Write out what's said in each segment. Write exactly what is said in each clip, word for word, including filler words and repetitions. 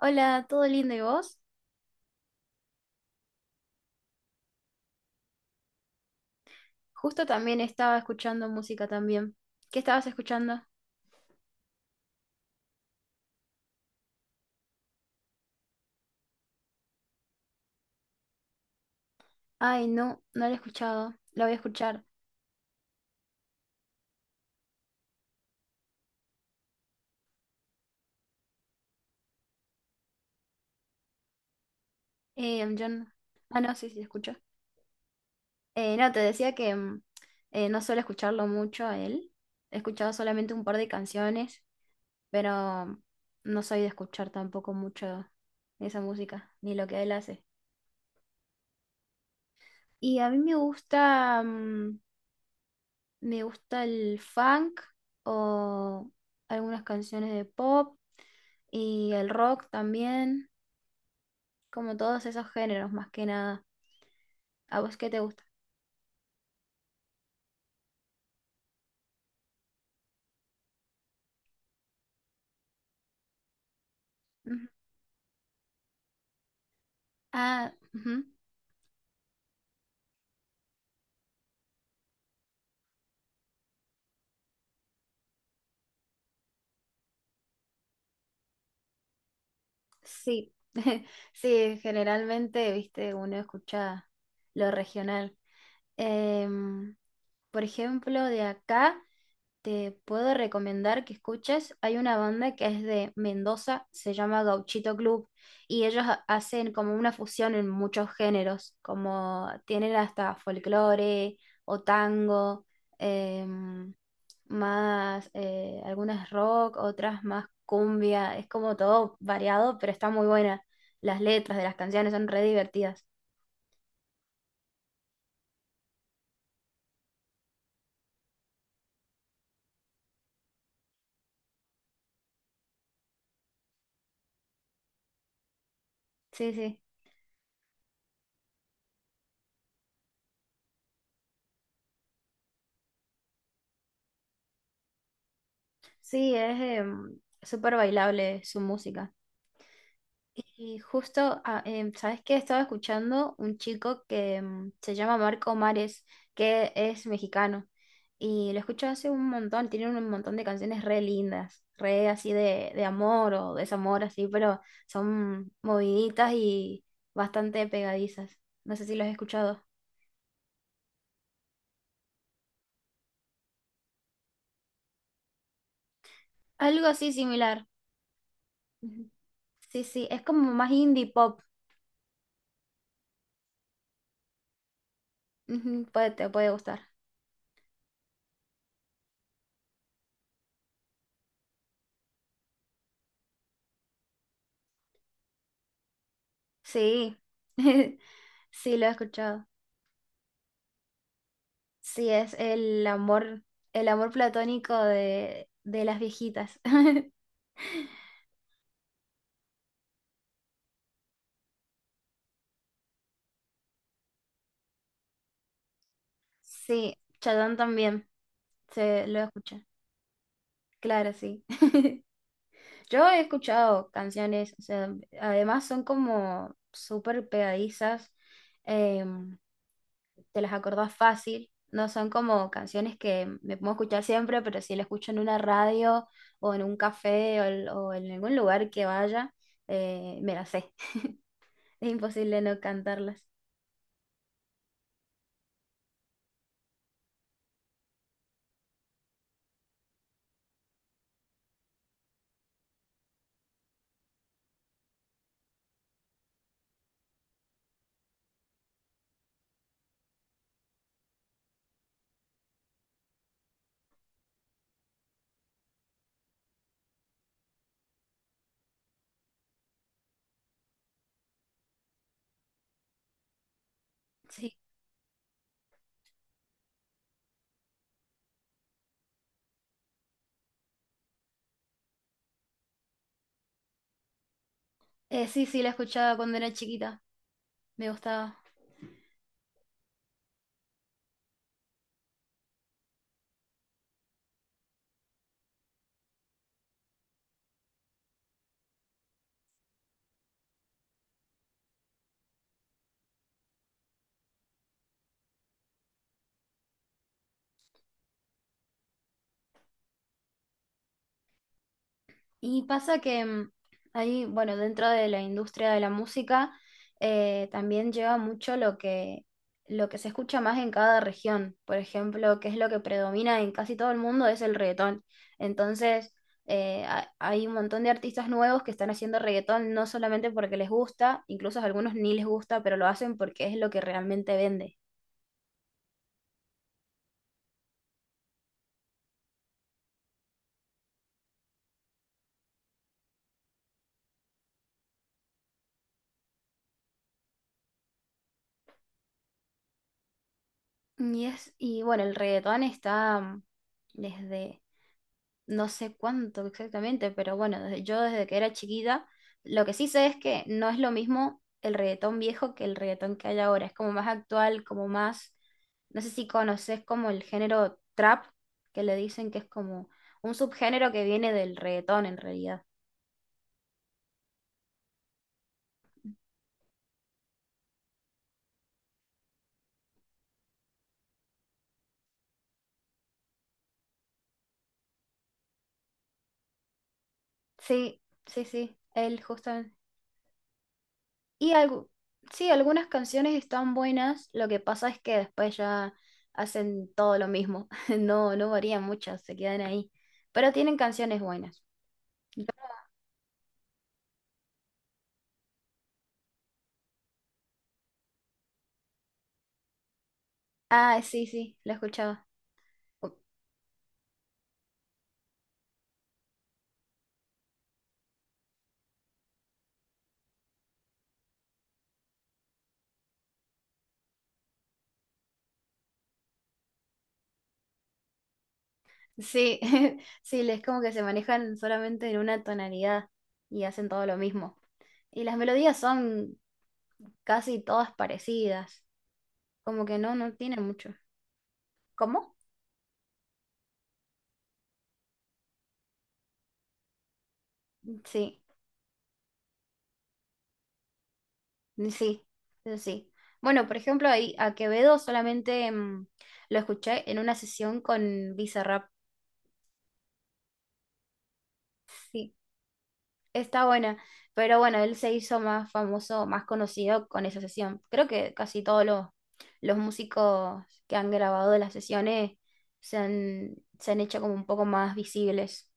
Hola, ¿todo lindo y vos? Justo también estaba escuchando música también. ¿Qué estabas escuchando? Ay, no, no lo he escuchado. Lo voy a escuchar. Eh, yo no- Ah, no, sí, sí, escucho. Eh, no, te decía que mm, eh, no suelo escucharlo mucho a él. He escuchado solamente un par de canciones, pero mm, no soy de escuchar tampoco mucho esa música, ni lo que él hace. Y a mí me gusta, mm, me gusta el funk o algunas canciones de pop y el rock también, como todos esos géneros más que nada. ¿A vos qué te gusta? Ujú. Ah, ujú. Sí, sí, generalmente, viste, uno escucha lo regional. Em, por ejemplo, de acá. Te puedo recomendar que escuches. Hay una banda que es de Mendoza, se llama Gauchito Club, y ellos ha- hacen como una fusión en muchos géneros, como tienen hasta folclore o tango, em, más eh, algunas rock, otras más cumbia. Es como todo variado, pero está muy buena. Las letras de las canciones son re divertidas. Sí, sí. Sí, es em, súper bailable su música. Y justo, ah, em, ¿sabes qué? Estaba escuchando un chico que em, se llama Marco Mares, que es mexicano. Y lo escucho hace un montón, tiene un montón de canciones re lindas, re así de, de amor o desamor, así, pero son moviditas y bastante pegadizas. No sé si lo has escuchado. Algo así similar. Ujú. Sí, sí, es como más indie pop. Ujú, Puede, te puede gustar. Sí, sí, lo he escuchado. Sí, es el amor, el amor platónico de, de las viejitas. Sí, Chadón también, se lo escucha. Claro, sí. Yo he escuchado canciones, o sea, además son como súper pegadizas, eh, te las acordás fácil, no son como canciones que me puedo escuchar siempre, pero si la escucho en una radio o en un café o, el- o en algún lugar que vaya, eh, me las sé. Es imposible no cantarlas. Sí. Eh, sí, sí, la escuchaba cuando era chiquita, me gustaba. Y pasa que mm, ahí, bueno, dentro de la industria de la música, eh, también lleva mucho lo que, lo que se escucha más en cada región. Por ejemplo, que es lo que predomina en casi todo el mundo, es el reggaetón. Entonces, eh, ha- hay un montón de artistas nuevos que están haciendo reggaetón, no solamente porque les gusta, incluso a algunos ni les gusta, pero lo hacen porque es lo que realmente vende. Y es, y bueno, el reggaetón está mm, desde no sé cuánto exactamente, pero bueno, desde- yo desde que era chiquita, lo que sí sé es que no es lo mismo el reggaetón viejo que el reggaetón que hay ahora, es como más actual, como más, no sé si conoces como el género trap, que le dicen que es como un subgénero que viene del reggaetón en realidad. Sí, sí, sí, él justo, y algo, sí, algunas canciones están buenas, lo que pasa es que después ya hacen todo lo mismo, no, no varían mucho, se quedan ahí, pero tienen canciones buenas. Yo- Ah, sí, sí, la escuchaba. U- Sí, sí, es como que se manejan solamente en una tonalidad y hacen todo lo mismo. Y las melodías son casi todas parecidas, como que no, no tienen mucho. ¿Cómo? Sí. Mm, Sí, eso sí. Bueno, por ejemplo, ahí a Quevedo solamente mm, lo escuché en una sesión con Bizarrap. Sí, está buena. Pero bueno, él se hizo más famoso, más conocido con esa sesión. Creo que casi todos los, los músicos que han grabado las sesiones se han, se han hecho como un poco más visibles.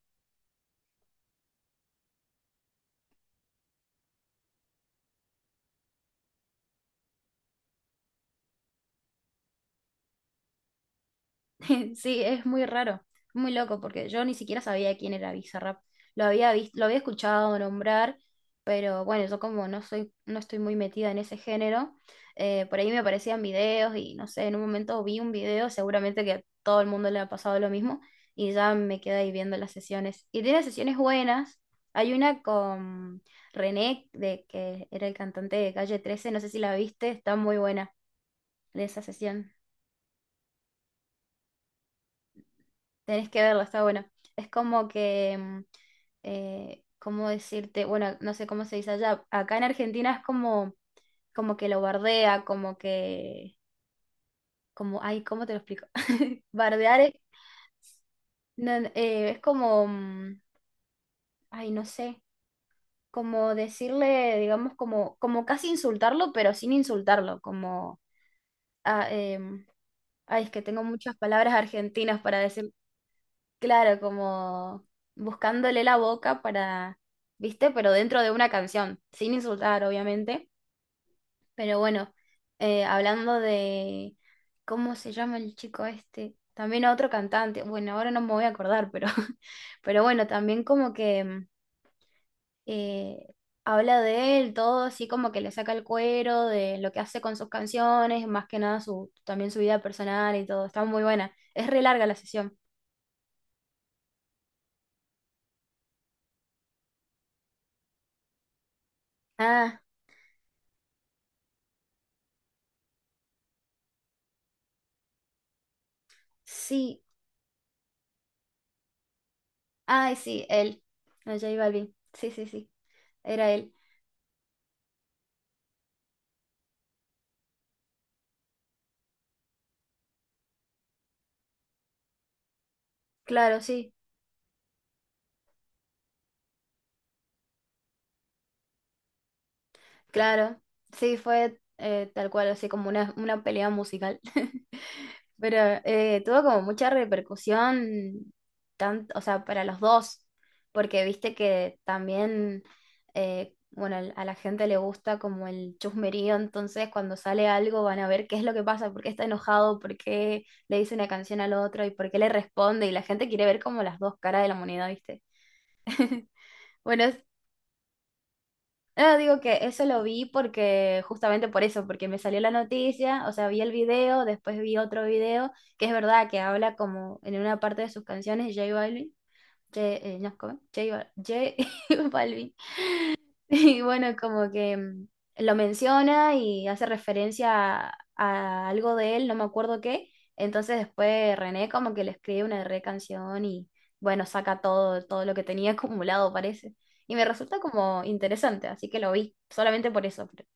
Sí, es muy raro, muy loco, porque yo ni siquiera sabía quién era Bizarrap. Lo había visto, lo había escuchado nombrar, pero bueno, yo como no soy, no estoy muy metida en ese género, eh, por ahí me aparecían videos y no sé, en un momento vi un video, seguramente que a todo el mundo le ha pasado lo mismo, y ya me quedé ahí viendo las sesiones. Y tiene sesiones buenas. Hay una con René, de que era el cantante de Calle trece, no sé si la viste, está muy buena de esa sesión. Tenés que verlo, está bueno. Es como que, mm, eh, ¿cómo decirte? Bueno, no sé cómo se dice allá. Acá en Argentina es como, como que lo bardea, como que, como, ay, ¿cómo te lo explico? Bardear es, no, no, eh, es como, mm, ay, no sé, como decirle, digamos, como, como casi insultarlo, pero sin insultarlo, como, ah, em, ay, es que tengo muchas palabras argentinas para decir. Claro, como buscándole la boca para, ¿viste? Pero dentro de una canción, sin insultar, obviamente. Pero bueno, eh, hablando de, ¿cómo se llama el chico este? También otro cantante, bueno, ahora no me voy a acordar, pero, pero bueno, también como que eh, habla de él, todo así como que le saca el cuero de lo que hace con sus canciones, más que nada su, también su vida personal y todo, está muy buena. Es re larga la sesión. Ah, sí. Ay, sí, él. No, J Balvin. Sí, sí, sí. Era él. Claro, sí. Claro. Sí, fue eh, tal cual, así como una, una pelea musical. Pero eh, tuvo como mucha repercusión, tanto, o sea, para los dos. Porque viste que también, eh, bueno, al- a la gente le gusta como el chusmerío. Entonces, cuando sale algo, van a ver qué es lo que pasa, por qué está enojado, por qué le dice una canción al otro y por qué le responde. Y la gente quiere ver como las dos caras de la moneda, ¿viste? Bueno, es- no, digo que eso lo vi porque, justamente por eso, porque me salió la noticia, o sea, vi el video, después vi otro video, que es verdad que habla como en una parte de sus canciones, J Balvin, J, eh, no, ¿cómo es? J, Bal- J Balvin. Y bueno, como que mm, lo menciona y hace referencia a, a algo de él, no me acuerdo qué. Entonces después René como que le escribe una re canción y bueno, saca todo, todo lo que tenía acumulado, parece. Y me resulta como interesante, así que lo vi, solamente por eso. pero-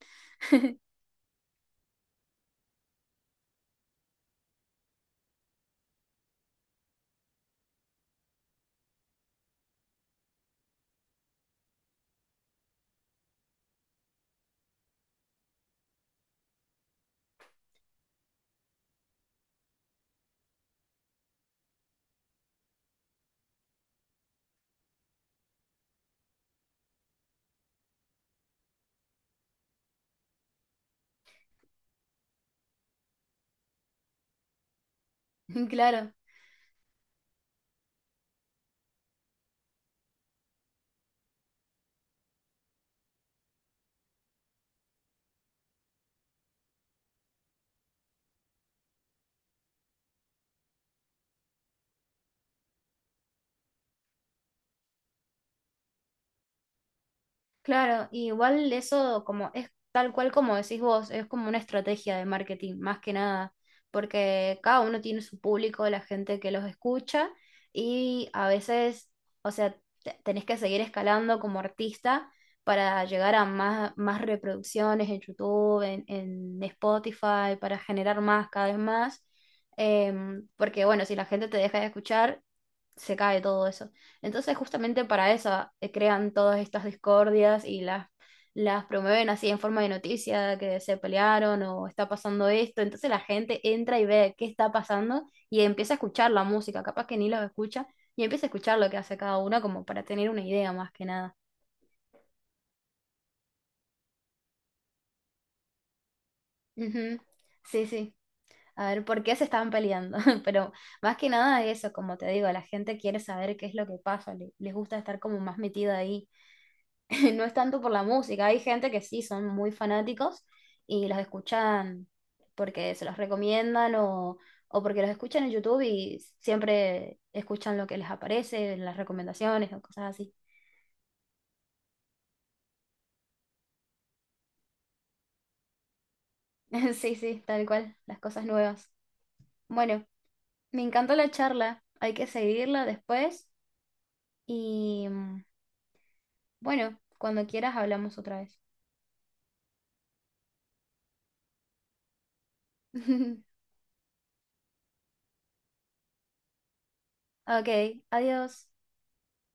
Claro. Claro, y igual eso como es tal cual como decís vos, es como una estrategia de marketing, más que nada, porque cada uno tiene su público, la gente que los escucha, y a veces, o sea, te- tenés que seguir escalando como artista para llegar a más, más reproducciones en YouTube, en, en Spotify, para generar más, cada vez más. Em, porque bueno, si la gente te deja de escuchar, se cae todo eso. Entonces, justamente para eso eh, crean todas estas discordias y las, las promueven así en forma de noticia, que se pelearon o está pasando esto. Entonces la gente entra y ve qué está pasando y empieza a escuchar la música, capaz que ni los escucha, y empieza a escuchar lo que hace cada uno como para tener una idea más que nada. Ujú. Sí, sí. A ver, ¿por qué se estaban peleando? Pero más que nada eso, como te digo, la gente quiere saber qué es lo que pasa, le- les gusta estar como más metida ahí. No es tanto por la música. Hay gente que sí son muy fanáticos y los escuchan porque se los recomiendan o, o porque los escuchan en YouTube y siempre escuchan lo que les aparece, las recomendaciones o cosas así. Sí, sí, tal cual, las cosas nuevas. Bueno, me encantó la charla. Hay que seguirla después y mm, bueno, cuando quieras hablamos otra vez. Ok, adiós.